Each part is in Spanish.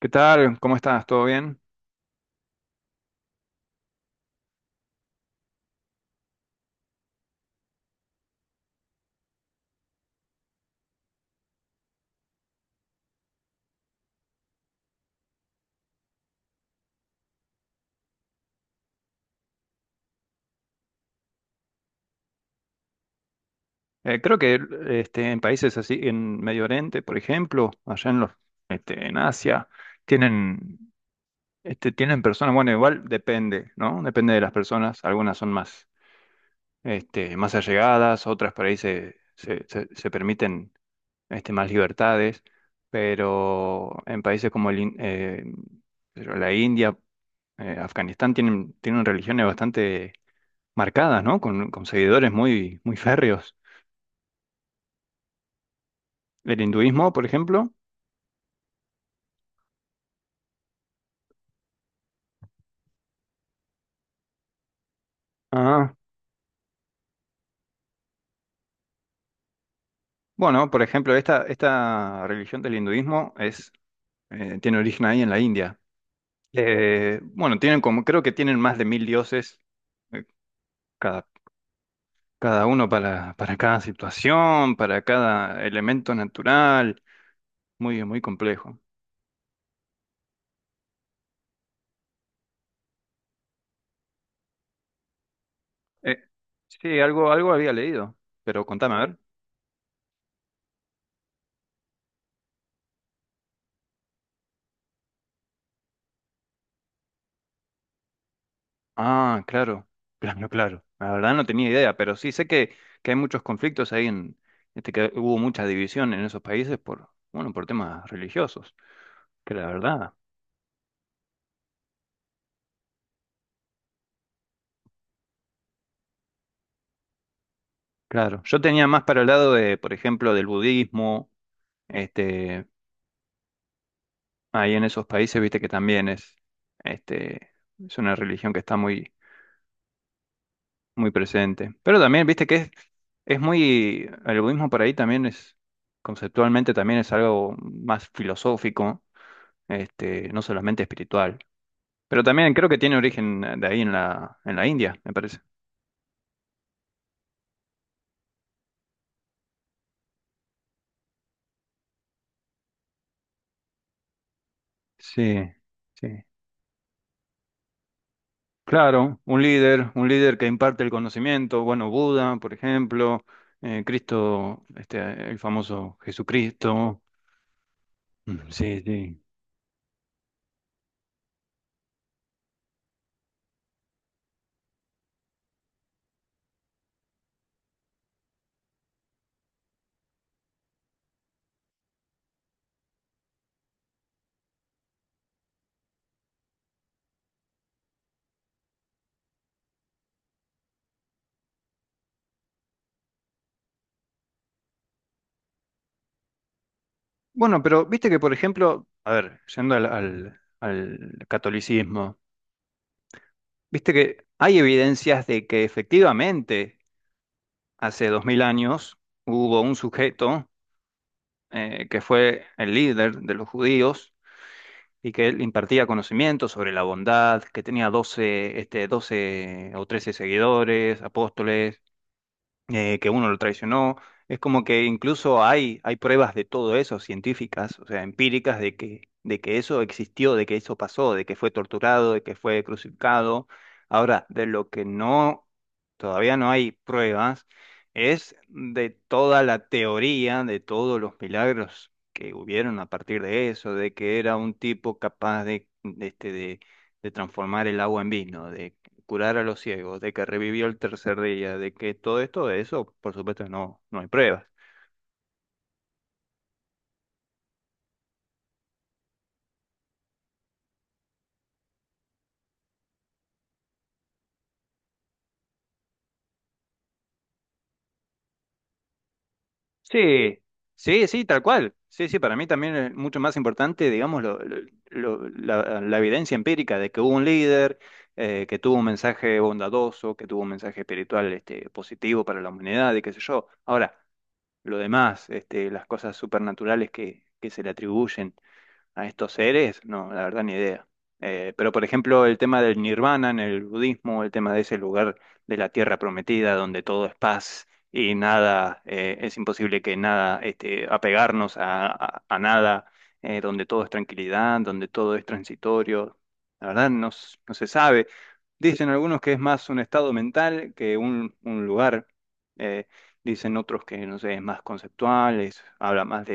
¿Qué tal? ¿Cómo estás? ¿Todo bien? Creo que en países así, en Medio Oriente, por ejemplo, allá en en Asia, tienen, tienen personas, bueno, igual depende, ¿no? Depende de las personas. Algunas son más, más allegadas, otras por ahí se permiten más libertades, pero en países como pero la India, Afganistán, tienen religiones bastante marcadas, ¿no? Con seguidores muy, muy férreos. ¿Del hinduismo, por ejemplo? Ah, bueno, por ejemplo, esta religión del hinduismo es, tiene origen ahí en la India. Bueno, tienen como, creo que tienen más de 1000 dioses, eh, cada, cada uno para cada situación, para cada elemento natural. Muy, muy complejo. Eh, sí, algo había leído, pero contame, a ver. Ah, claro, claro, claro. La verdad no tenía idea, pero sí sé que hay muchos conflictos ahí en, que hubo mucha división en esos países por, bueno, por temas religiosos, que la verdad, claro. Yo tenía más para el lado de, por ejemplo, del budismo, este, ahí en esos países, viste que también este, es una religión que está muy, muy presente. Pero también, viste es muy, el budismo por ahí también es, conceptualmente también es algo más filosófico no solamente espiritual. Pero también creo que tiene origen de ahí en en la India, me parece. Sí, sí. Claro, un líder que imparte el conocimiento, bueno, Buda, por ejemplo, Cristo, el famoso Jesucristo. Sí, sí. Bueno, pero viste que, por ejemplo, a ver, yendo al catolicismo, viste que hay evidencias de que efectivamente hace 2000 años hubo un sujeto que fue el líder de los judíos y que él impartía conocimientos sobre la bondad, que tenía 12 o 13 seguidores, apóstoles, que uno lo traicionó. Es como que incluso hay pruebas de todo eso, científicas, o sea, empíricas, de que eso existió, de que eso pasó, de que fue torturado, de que fue crucificado. Ahora, de lo que no, todavía no hay pruebas, es de toda la teoría, de todos los milagros que hubieron a partir de eso, de que era un tipo capaz de transformar el agua en vino, curar a los ciegos, de que revivió el tercer día, de que todo esto, de eso, por supuesto, no hay pruebas. Sí, sí, sí, tal cual. Sí, sí, para mí también es mucho más importante, digamos, la evidencia empírica de que hubo un líder, que tuvo un mensaje bondadoso, que tuvo un mensaje espiritual, positivo para la humanidad y qué sé yo. Ahora, lo demás, las cosas supernaturales que se le atribuyen a estos seres, no, la verdad ni idea. Pero por ejemplo, el tema del nirvana en el budismo, el tema de ese lugar de la tierra prometida donde todo es paz y nada, es imposible que nada, apegarnos a nada, donde todo es tranquilidad, donde todo es transitorio. La verdad no, no se sabe. Dicen algunos que es más un estado mental que un lugar. Eh, Dicen otros que, no sé, es más conceptual, habla más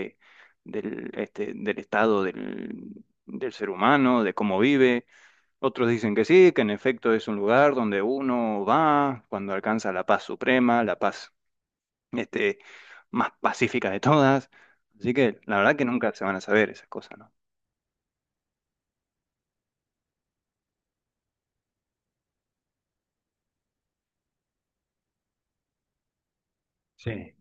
del estado del ser humano, de cómo vive. Otros dicen que sí, que en efecto es un lugar donde uno va cuando alcanza la paz suprema, la paz este, más pacífica de todas. Así que la verdad que nunca se van a saber esas cosas, ¿no? Sí.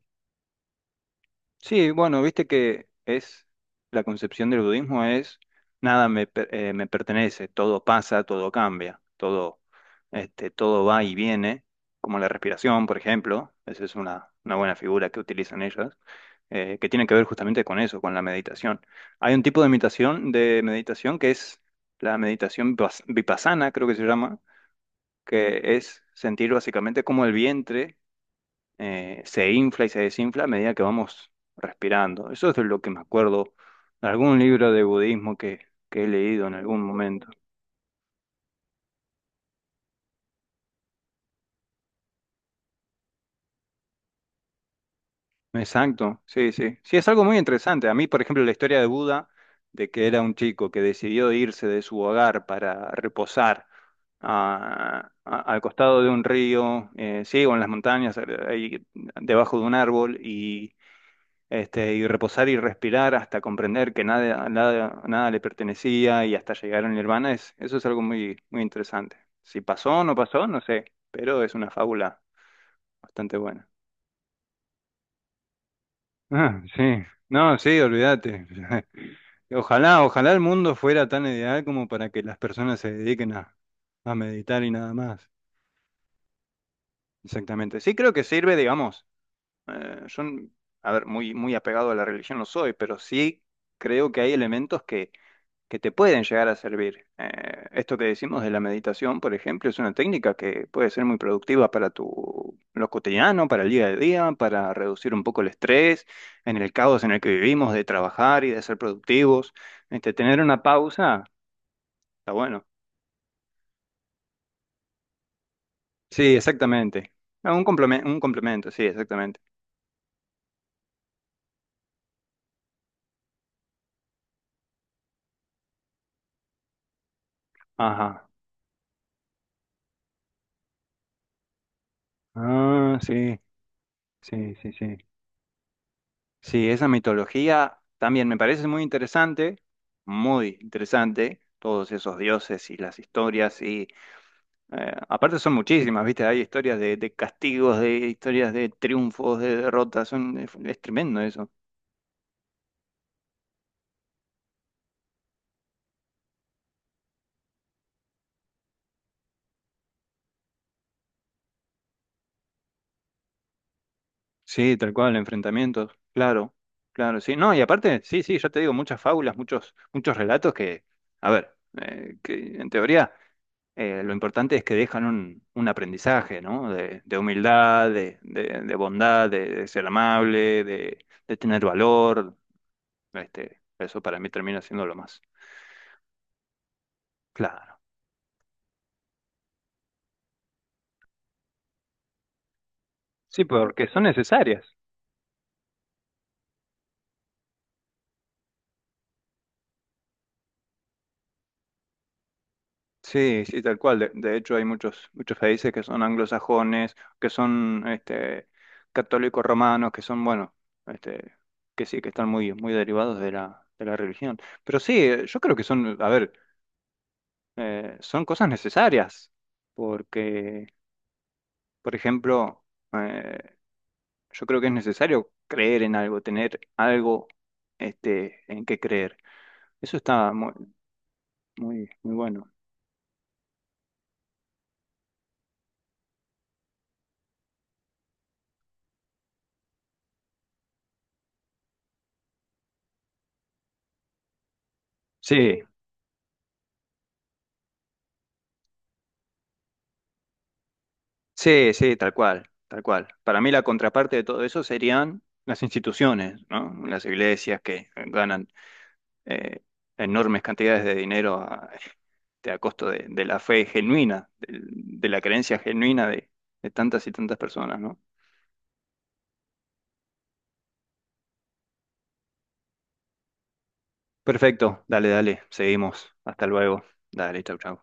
Sí, bueno, viste que es la concepción del budismo es nada me, per- me pertenece, todo pasa, todo cambia, todo va y viene, como la respiración, por ejemplo, esa es una buena figura que utilizan ellas, que tiene que ver justamente con eso, con la meditación. Hay un tipo de meditación que es la meditación vipassana, creo que se llama, que es sentir básicamente como el vientre se infla y se desinfla a medida que vamos respirando. Eso es de lo que me acuerdo de algún libro de budismo que he leído en algún momento. Exacto, sí, sí. Sí, es algo muy interesante. A mí, por ejemplo, la historia de Buda, de que era un chico que decidió irse de su hogar para reposar al costado de un río, sí, o en las montañas, ahí debajo de un árbol, y reposar y respirar hasta comprender que nada, nada, nada le pertenecía y hasta llegar al nirvana, es, eso es algo muy, muy interesante. Si pasó o no pasó, no sé, pero es una fábula bastante buena. Ah, sí. No, sí, olvídate. Ojalá, ojalá el mundo fuera tan ideal como para que las personas se dediquen a meditar y nada más. Exactamente. Sí, creo que sirve, digamos. eh, yo, a ver, muy, muy apegado a la religión no soy, pero sí creo que hay elementos que te pueden llegar a servir. Esto que decimos de la meditación, por ejemplo, es una técnica que puede ser muy productiva para tu, lo cotidiano, para el día a día, para reducir un poco el estrés, en el caos en el que vivimos, de trabajar y de ser productivos. Tener una pausa, está bueno. Sí, exactamente. Ah, un complemento, un complemento, sí, exactamente. Ajá. Ah, sí, sí, sí, sí. Sí, esa mitología también me parece muy interesante, todos esos dioses y las historias y aparte son muchísimas, ¿viste? Hay historias de castigos, de historias de triunfos, de derrotas, son, es tremendo eso. Sí, tal cual, enfrentamientos, claro, claro, sí, no, y aparte, sí, sí, ya te digo, muchas fábulas, muchos, muchos relatos que, a ver, eh, que en teoría lo importante es que dejan un aprendizaje, ¿no? De humildad, de bondad, de ser amable, de tener valor. Eso para mí termina siendo lo más claro. Sí, porque son necesarias. Sí, sí, tal cual. De hecho, hay muchos, muchos países que son anglosajones, que son católicos romanos, que son, bueno, este, que sí, que están muy, muy derivados de de la religión. Pero sí, yo creo que son, a ver, son cosas necesarias, porque, por ejemplo, eh, yo creo que es necesario creer en algo, tener algo en qué creer. Eso está muy, muy, muy bueno. Sí, sí, sí, tal cual, tal cual. Para mí la contraparte de todo eso serían las instituciones, ¿no? Las iglesias que ganan eh, enormes cantidades de dinero a costo de la fe genuina, la creencia genuina de tantas y tantas personas, ¿no? Perfecto, dale, dale, seguimos. Hasta luego. Dale, chau, chau.